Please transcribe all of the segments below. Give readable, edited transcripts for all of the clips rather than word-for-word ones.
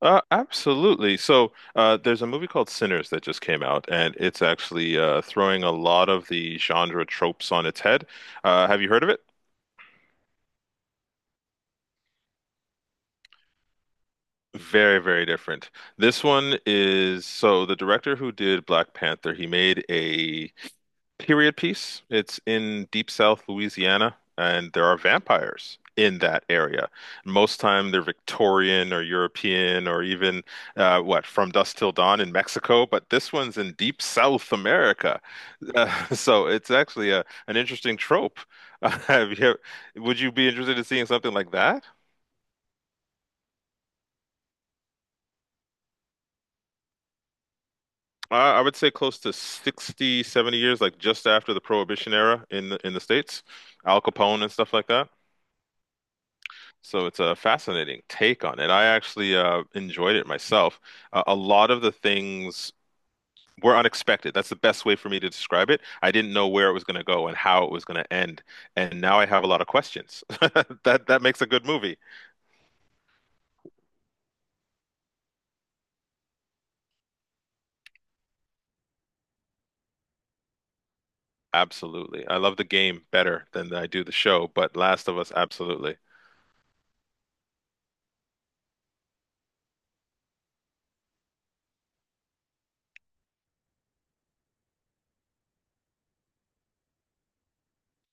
Absolutely. So there's a movie called Sinners that just came out, and it's actually throwing a lot of the genre tropes on its head. Have you heard of it? Very, very different. This one is so the director who did Black Panther, he made a period piece. It's in Deep South Louisiana, and there are vampires in that area. Most time they're Victorian or European or even what, From Dusk Till Dawn in Mexico, but this one's in Deep South America. So it's actually a an interesting trope. have you, would you be interested in seeing something like that? I would say close to 60, 70 years, like just after the Prohibition era in the States, Al Capone and stuff like that. So it's a fascinating take on it. I actually enjoyed it myself. A lot of the things were unexpected. That's the best way for me to describe it. I didn't know where it was going to go and how it was going to end, and now I have a lot of questions. That makes a good movie. Absolutely. I love the game better than I do the show, but Last of Us, absolutely.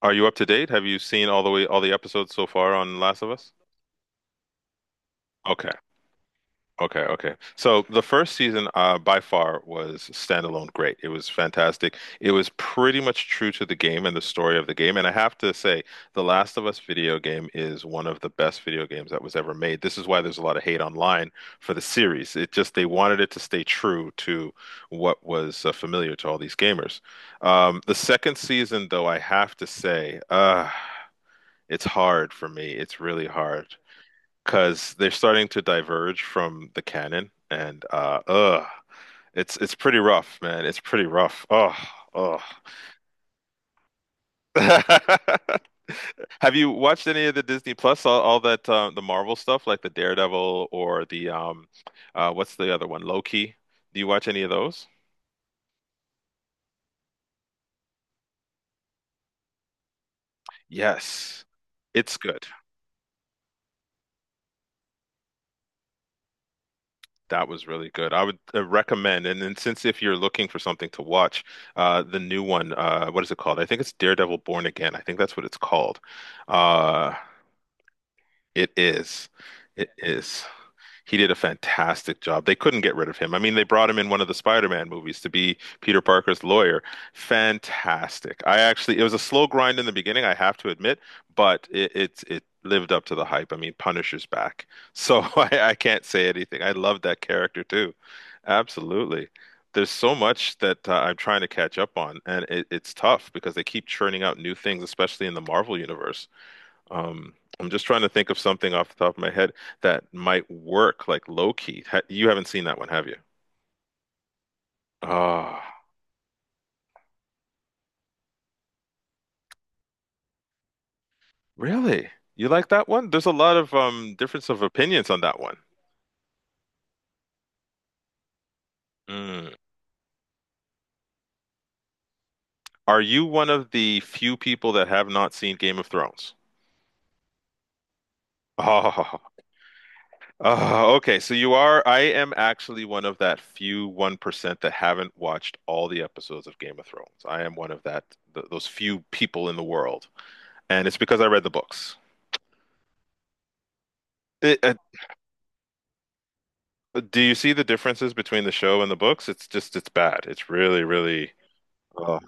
Are you up to date? Have you seen all the episodes so far on Last of Us? Okay. Okay, okay. So the first season, by far, was standalone great. It was fantastic. It was pretty much true to the game and the story of the game. And I have to say, The Last of Us video game is one of the best video games that was ever made. This is why there's a lot of hate online for the series. It just they wanted it to stay true to what was familiar to all these gamers. The second season, though, I have to say, it's hard for me. It's really hard because they're starting to diverge from the canon, and it's pretty rough, man. It's pretty rough. Oh, oh. Have you watched any of the Disney Plus, all that the Marvel stuff, like the Daredevil or the what's the other one, Loki? Do you watch any of those? Yes, it's good. That was really good. I would recommend, and then since if you're looking for something to watch, the new one, what is it called? I think it's Daredevil Born Again. I think that's what it's called. Uh, it is. It is. He did a fantastic job. They couldn't get rid of him. I mean, they brought him in one of the Spider-Man movies to be Peter Parker's lawyer. Fantastic. I actually, it was a slow grind in the beginning, I have to admit, but it lived up to the hype. I mean, Punisher's back. So I can't say anything. I love that character too. Absolutely. There's so much that I'm trying to catch up on, and it's tough because they keep churning out new things, especially in the Marvel universe. I'm just trying to think of something off the top of my head that might work, like low key. Ha you haven't seen that one, have you? Ah, really? You like that one? There's a lot of difference of opinions on that one. Mm. Are you one of the few people that have not seen Game of Thrones? Oh, oh, okay. So you are. I am actually one of that few 1% that haven't watched all the episodes of Game of Thrones. I am one of that th those few people in the world. And it's because I read the books. It, uh, Do you see the differences between the show and the books? It's just, it's bad. It's really, really uh,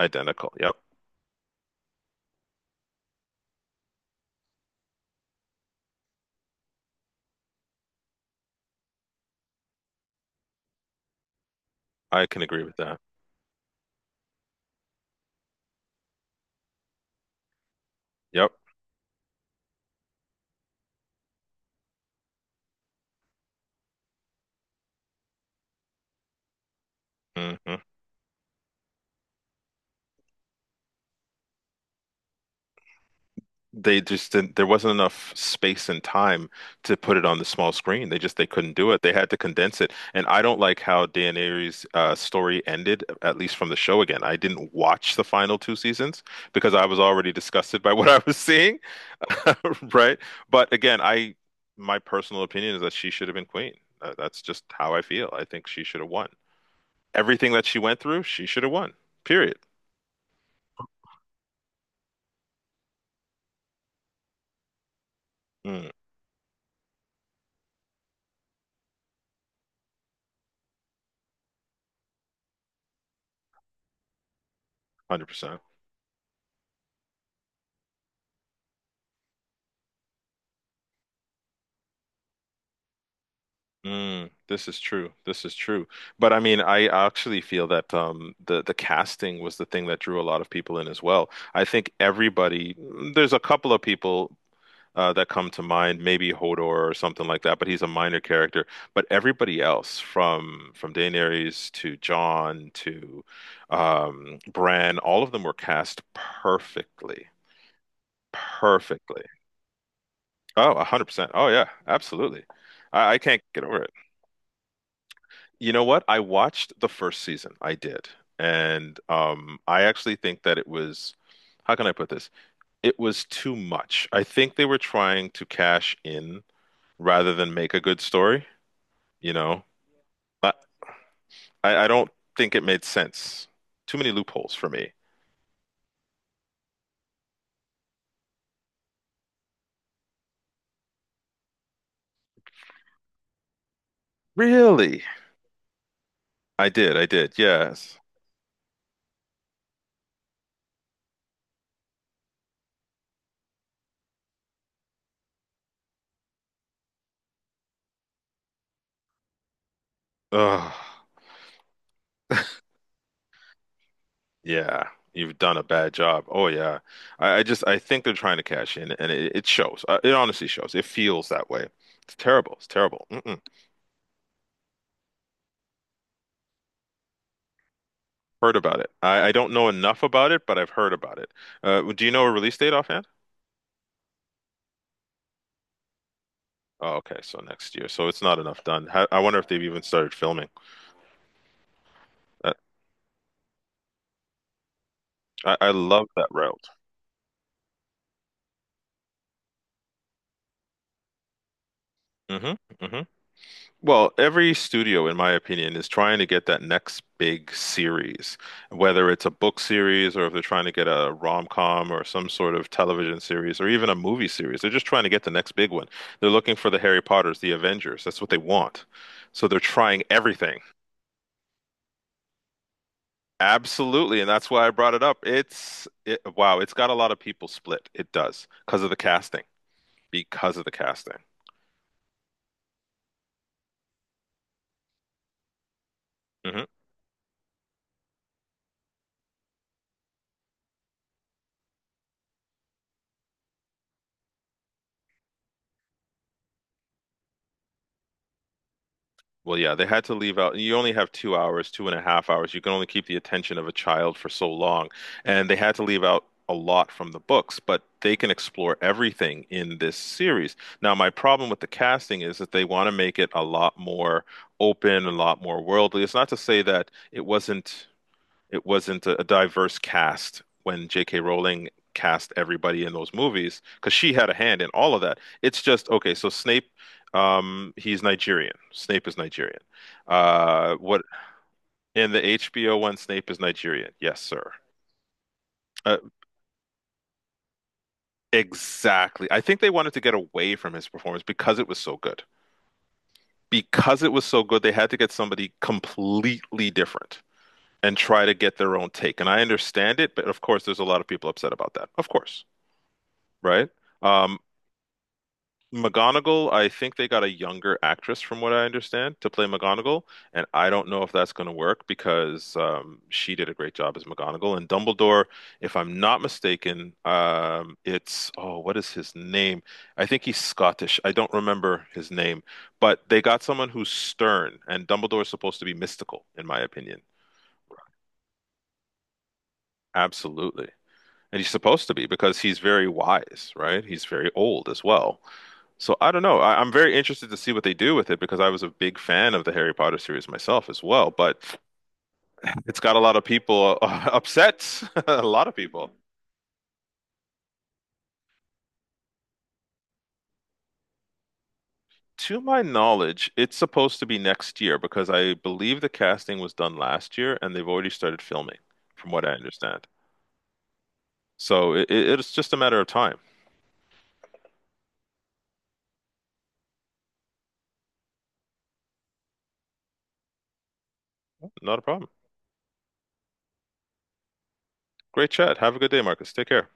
identical. Yep. I can agree with that. Yep. hmm they just didn't, there wasn't enough space and time to put it on the small screen. They just they couldn't do it. They had to condense it, and I don't like how Dan Ariely's story ended, at least from the show. Again, I didn't watch the final two seasons because I was already disgusted by what I was seeing. Right, but again, I my personal opinion is that she should have been queen. That's just how I feel. I think she should have won. Everything that she went through, she should have won. Period. Mm, 100%. Mm, this is true. This is true. But I mean, I actually feel that the casting was the thing that drew a lot of people in as well. I think everybody, mm, there's a couple of people that come to mind, maybe Hodor or something like that, but he's a minor character. But everybody else, from Daenerys to Jon to Bran, all of them were cast perfectly, perfectly. Oh, 100%. Oh yeah, absolutely. I can't get over it. You know what? I watched the first season. I did. And I actually think that it was, how can I put this? It was too much. I think they were trying to cash in rather than make a good story, you know? I, I don't think it made sense. Too many loopholes for me. Really? I did. I did. Yes. Ugh. Yeah. You've done a bad job. Oh, yeah. I just, I think they're trying to cash in and it shows. It honestly shows. It feels that way. It's terrible. It's terrible. Mm-mm. Heard about it. I don't know enough about it, but I've heard about it. Do you know a release date offhand? Oh, okay, so next year. So it's not enough done. How, I wonder if they've even started filming. That, I love that route. hmm hmm Well, every studio, in my opinion, is trying to get that next big series, whether it's a book series or if they're trying to get a rom-com or some sort of television series or even a movie series. They're just trying to get the next big one. They're looking for the Harry Potters, the Avengers. That's what they want. So they're trying everything. Absolutely, and that's why I brought it up. Wow, it's got a lot of people split. It does because of the casting. Because of the casting. hmm Well, yeah, they had to leave out. You only have 2 hours, two and a half hours. You can only keep the attention of a child for so long, and they had to leave out a lot from the books. But they can explore everything in this series. Now, my problem with the casting is that they want to make it a lot more open, a lot more worldly. It's not to say that it wasn't a diverse cast when J.K. Rowling cast everybody in those movies because she had a hand in all of that. It's just okay. So Snape, he's Nigerian. Snape is Nigerian. What in the HBO one? Snape is Nigerian. Yes, sir. Uh, exactly. I think they wanted to get away from his performance because it was so good. Because it was so good, they had to get somebody completely different and try to get their own take. And I understand it, but of course, there's a lot of people upset about that. Of course. Right? Um, McGonagall, I think they got a younger actress from what I understand to play McGonagall, and I don't know if that's going to work because she did a great job as McGonagall. And Dumbledore, if I'm not mistaken, it's oh, what is his name? I think he's Scottish. I don't remember his name, but they got someone who's stern, and Dumbledore is supposed to be mystical, in my opinion. Absolutely. And he's supposed to be because he's very wise, right? He's very old as well. So I don't know. I'm very interested to see what they do with it because I was a big fan of the Harry Potter series myself as well. But it's got a lot of people upset. A lot of people. To my knowledge, it's supposed to be next year because I believe the casting was done last year and they've already started filming, from what I understand. So it's just a matter of time. Not a problem. Great chat. Have a good day, Marcus. Take care.